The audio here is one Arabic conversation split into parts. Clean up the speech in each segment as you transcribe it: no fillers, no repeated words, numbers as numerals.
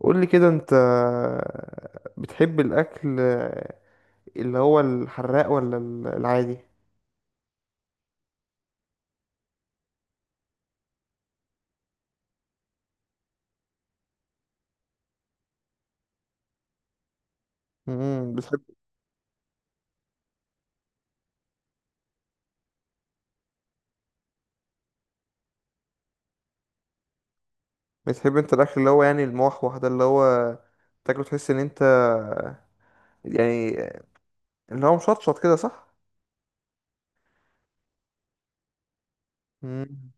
قول لي كده انت بتحب الاكل اللي هو الحراق ولا العادي؟ امم بتحب بتحب انت الاكل اللي هو يعني الموحوح ده، اللي هو تاكله تحس ان انت يعني اللي هو مشطشط كده، صح؟ امم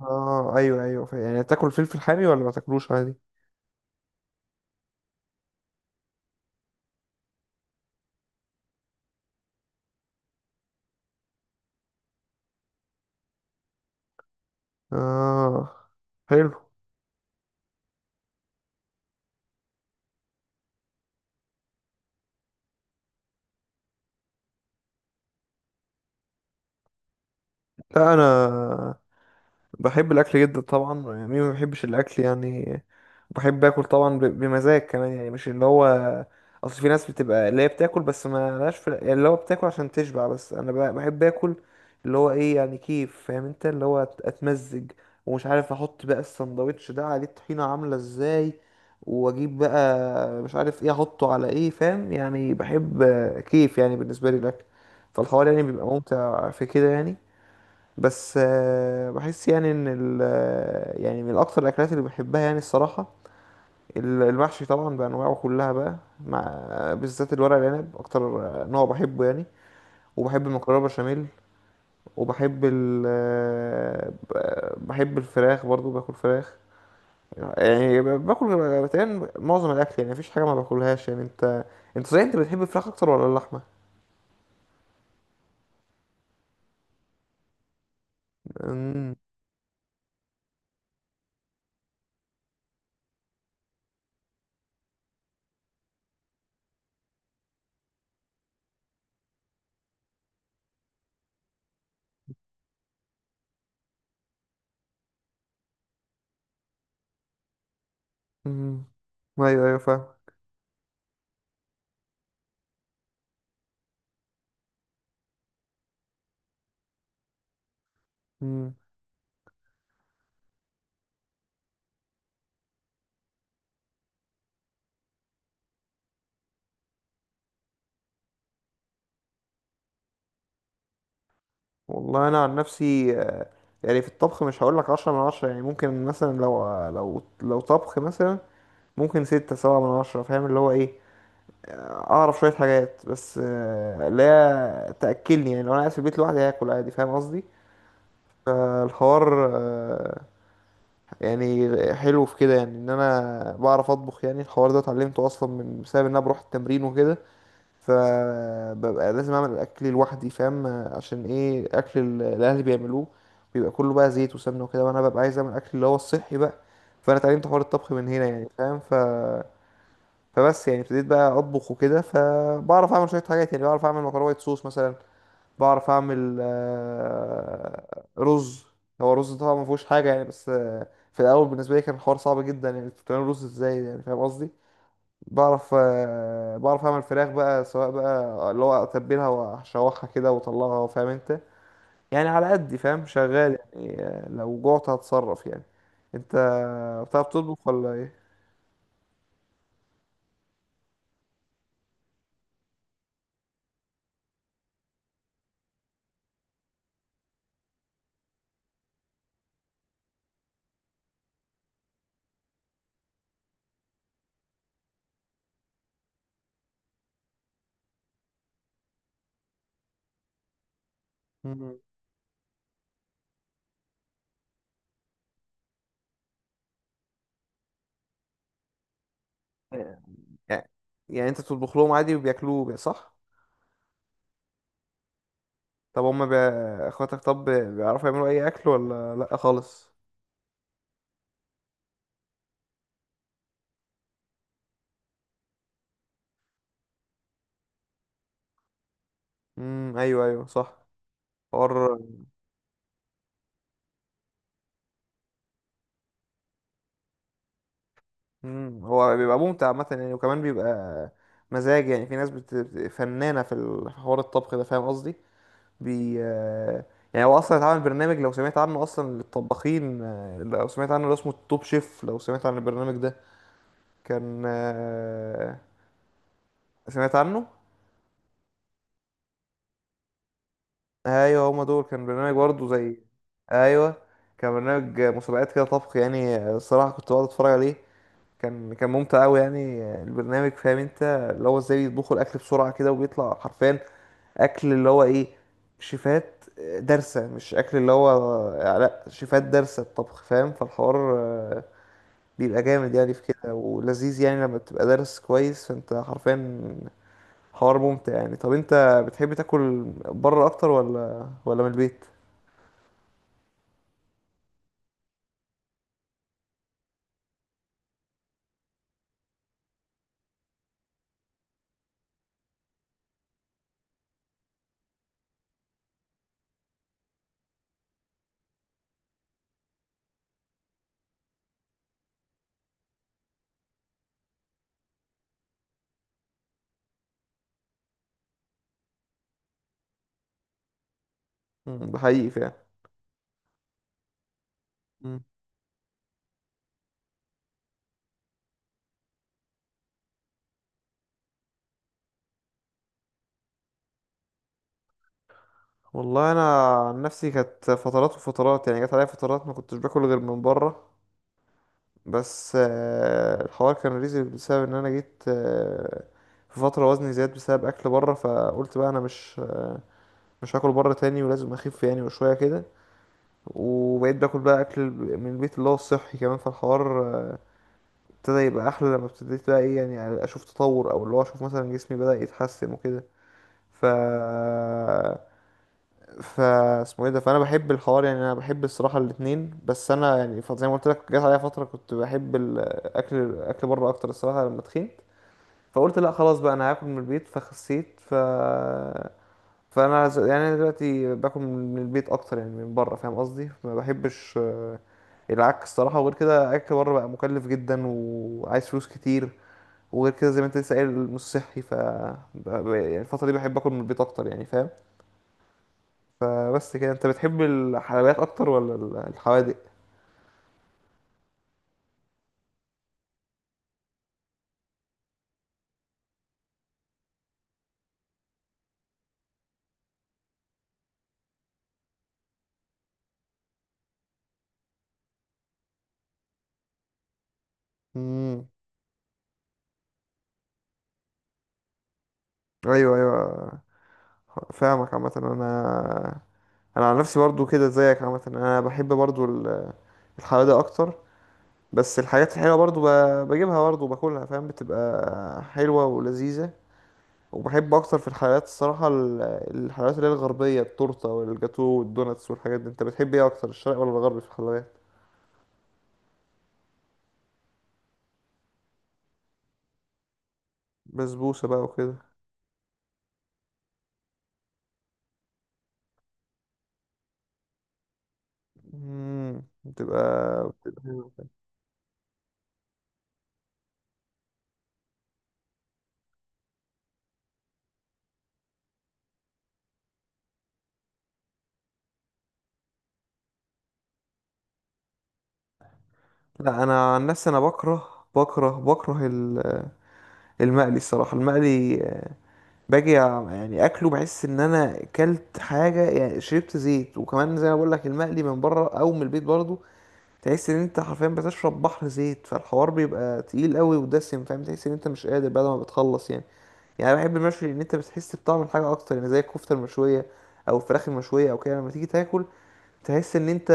اه، ايوه، ايوه، يعني تاكل فلفل حامي ولا ما تاكلوش عادي؟ اه، حلو. لا انا بحب الاكل جدا طبعا، يعني مين ما بيحبش الاكل يعني؟ بحب اكل طبعا، بمزاج كمان، يعني مش اللي هو، اصل في ناس بتبقى اللي هي بتاكل بس ما لهاش في، يعني اللي هو بتاكل عشان تشبع، بس انا بحب اكل اللي هو ايه، يعني كيف فاهم انت؟ اللي هو اتمزج، ومش عارف احط بقى السندوتش ده عليه الطحينة عاملة ازاي، واجيب بقى مش عارف ايه احطه على ايه، فاهم يعني؟ بحب كيف يعني بالنسبة لي الاكل، فالحوار يعني بيبقى ممتع في كده يعني. بس بحس يعني ان ال آه، يعني من اكتر الاكلات اللي بحبها يعني الصراحه، المحشي طبعا بانواعه كلها، بقى مع بالذات الورق العنب اكتر، نوع بحبه يعني. وبحب المكرونه بشاميل، وبحب ال آه، بحب الفراخ برضو، باكل فراخ يعني، باكل، بتهيألي معظم الاكل، يعني مفيش حاجه ما باكلهاش يعني. انت صحيح انت بتحب الفراخ اكتر ولا اللحمه؟ امم أمم. ايوه، ايوه، فاهم. أمم. والله انا عن نفسي يعني في الطبخ مش هقولك 10 من 10، يعني ممكن مثلا لو طبخ مثلا، ممكن 6 7 من 10، فاهم اللي هو ايه؟ اعرف شوية حاجات، بس لا تأكلني، يعني لو انا قاعد في البيت لوحدي هاكل عادي، فاهم قصدي؟ فالحوار يعني حلو في كده، يعني ان انا بعرف اطبخ، يعني الحوار ده اتعلمته اصلا من بسبب ان انا بروح التمرين وكده، فببقى لازم اعمل اكلي لوحدي، فاهم؟ عشان ايه اكل الاهل بيعملوه بيبقى كله بقى زيت وسمنه وكده، وانا ببقى عايز اعمل اكل اللي هو الصحي بقى. فانا اتعلمت حوار الطبخ من هنا يعني، فاهم. فبس يعني ابتديت بقى اطبخ وكده، فبعرف اعمل شويه حاجات يعني، بعرف اعمل مكرونه وايت صوص مثلا، بعرف اعمل رز. هو الرز طبعا ما فيهوش حاجه يعني، بس في الاول بالنسبه لي كان الحوار صعب جدا، يعني بتعمل رز ازاي يعني، فاهم قصدي؟ بعرف اعمل فراخ بقى، سواء بقى اللي هو اتبلها واشوحها كده واطلعها، فاهم انت؟ يعني على قد فاهم شغال يعني، لو جوعت هتصرف يعني. انت بتعرف تطبخ ولا ايه؟ مم. يعني يعني انت بتطبخ لهم عادي وبياكلوه صح؟ طب هم اخواتك، طب بيعرفوا يعملوا اي اكل ولا لا خالص؟ ايوه، ايوه، صح، حوار. هو بيبقى ممتع عامه يعني، وكمان بيبقى مزاج، يعني في ناس فنانه في في حوار الطبخ ده، فاهم قصدي؟ بي آه، يعني هو اصلا اتعمل برنامج، لو سمعت عنه اصلا للطباخين، لو سمعت عنه، اللي اسمه التوب شيف، لو سمعت عن البرنامج ده؟ كان سمعت عنه، ايوه، هما دول كان برنامج برضه زي، ايوه، كان برنامج مسابقات كده طبخ يعني، الصراحه كنت بقعد اتفرج عليه، كان ممتع قوي يعني، البرنامج، فاهم انت؟ اللي هو ازاي بيطبخوا الاكل بسرعه كده، وبيطلع حرفيا اكل اللي هو ايه، شيفات دارسة، مش اكل اللي هو لا، شيفات دارسة الطبخ، فاهم؟ فالحوار بيبقى جامد يعني في كده، ولذيذ يعني، لما بتبقى دارس كويس، فانت حرفيا حوار ممتع يعني. طب انت بتحب تاكل بره اكتر، ولا من البيت؟ مم. ده حقيقي فعلا. مم. والله انا عن نفسي كانت فترات وفترات، يعني جت عليا فترات ما كنتش باكل غير من بره، بس الحوار كان ريزي بسبب ان انا جيت في فترة وزني زاد بسبب اكل بره، فقلت بقى انا مش هاكل بره تاني، ولازم اخف يعني، وشوية كده، وبقيت باكل بقى اكل من البيت اللي هو الصحي كمان. فالحوار ابتدى يبقى احلى، لما ابتديت بقى ايه يعني اشوف تطور، او اللي هو اشوف مثلا جسمي بدأ يتحسن وكده. ف ف اسمه ايه ده، فانا بحب الحوار يعني، انا بحب الصراحه الاتنين، بس انا يعني زي ما قلت لك جت عليا فتره كنت بحب الاكل اكل بره اكتر الصراحه، لما تخنت فقلت لا خلاص بقى انا هاكل من البيت، فخسيت. فانا يعني أنا دلوقتي باكل من البيت اكتر يعني من بره، فاهم قصدي؟ ما بحبش العك الصراحه، وغير كده اكل بره بقى مكلف جدا وعايز فلوس كتير، وغير كده زي ما انت لسه قايل مش صحي، يعني الفتره دي بحب اكل من البيت اكتر يعني، فاهم؟ فبس كده، انت بتحب الحلويات اكتر ولا الحوادق؟ امم ايوه، ايوه، فاهمك عامه. انا عن نفسي برضو كده زيك عامه، انا بحب برضو الحوادق اكتر، بس الحاجات الحلوه برضو بجيبها برضو وباكلها، فاهم؟ بتبقى حلوه ولذيذه. وبحب اكتر في الحلويات الصراحه الحلويات اللي هي الغربيه، التورته والجاتو والدوناتس والحاجات دي. انت بتحب ايه اكتر، الشرق ولا الغرب في الحلويات؟ بسبوسه بقى وكده. امم بتبقى بتبقى حلوة. لا انا عن نفسي انا بكره المقلي الصراحه. المقلي باجي يعني اكله بحس ان انا اكلت حاجه يعني، شربت زيت، وكمان زي ما بقول لك المقلي من بره او من البيت برضو، تحس ان انت حرفيا بتشرب بحر زيت، فالحوار بيبقى تقيل قوي ودسم، فاهم؟ تحس ان انت مش قادر بعد ما بتخلص يعني. يعني انا بحب المشوي، ان انت بتحس بطعم الحاجه اكتر يعني، زي الكفته المشويه، او الفراخ المشويه، او كده لما تيجي تاكل تحس ان انت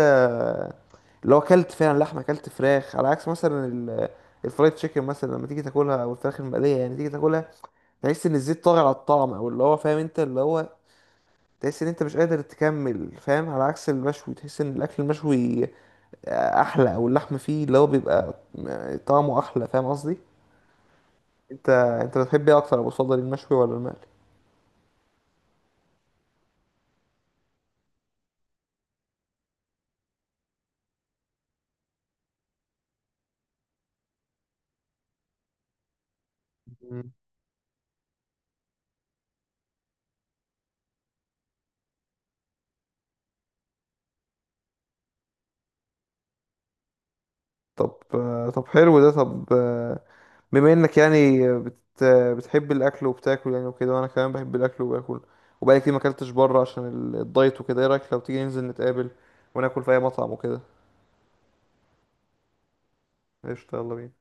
اللي هو اكلت فعلا لحمه، اكلت فراخ، على عكس مثلا الفرايد تشيكن مثلا لما تيجي تاكلها او الفراخ المقليه، يعني تيجي تاكلها تحس ان الزيت طاغي على الطعم، او اللي هو فاهم انت اللي هو تحس ان انت مش قادر تكمل، فاهم؟ على عكس المشوي تحس ان الاكل المشوي احلى، او اللحم فيه اللي هو بيبقى طعمه احلى، فاهم قصدي؟ انت بتحب ايه اكتر، ابو صدر المشوي ولا المقلي؟ مم. طب طب حلو ده، طب بما انك يعني بتحب الاكل وبتاكل يعني وكده، وانا كمان بحب الاكل وباكل، وبقالي كتير ما اكلتش بره عشان الدايت وكده، ايه رايك لو تيجي ننزل نتقابل وناكل في اي مطعم وكده؟ قشطة، يلا بينا.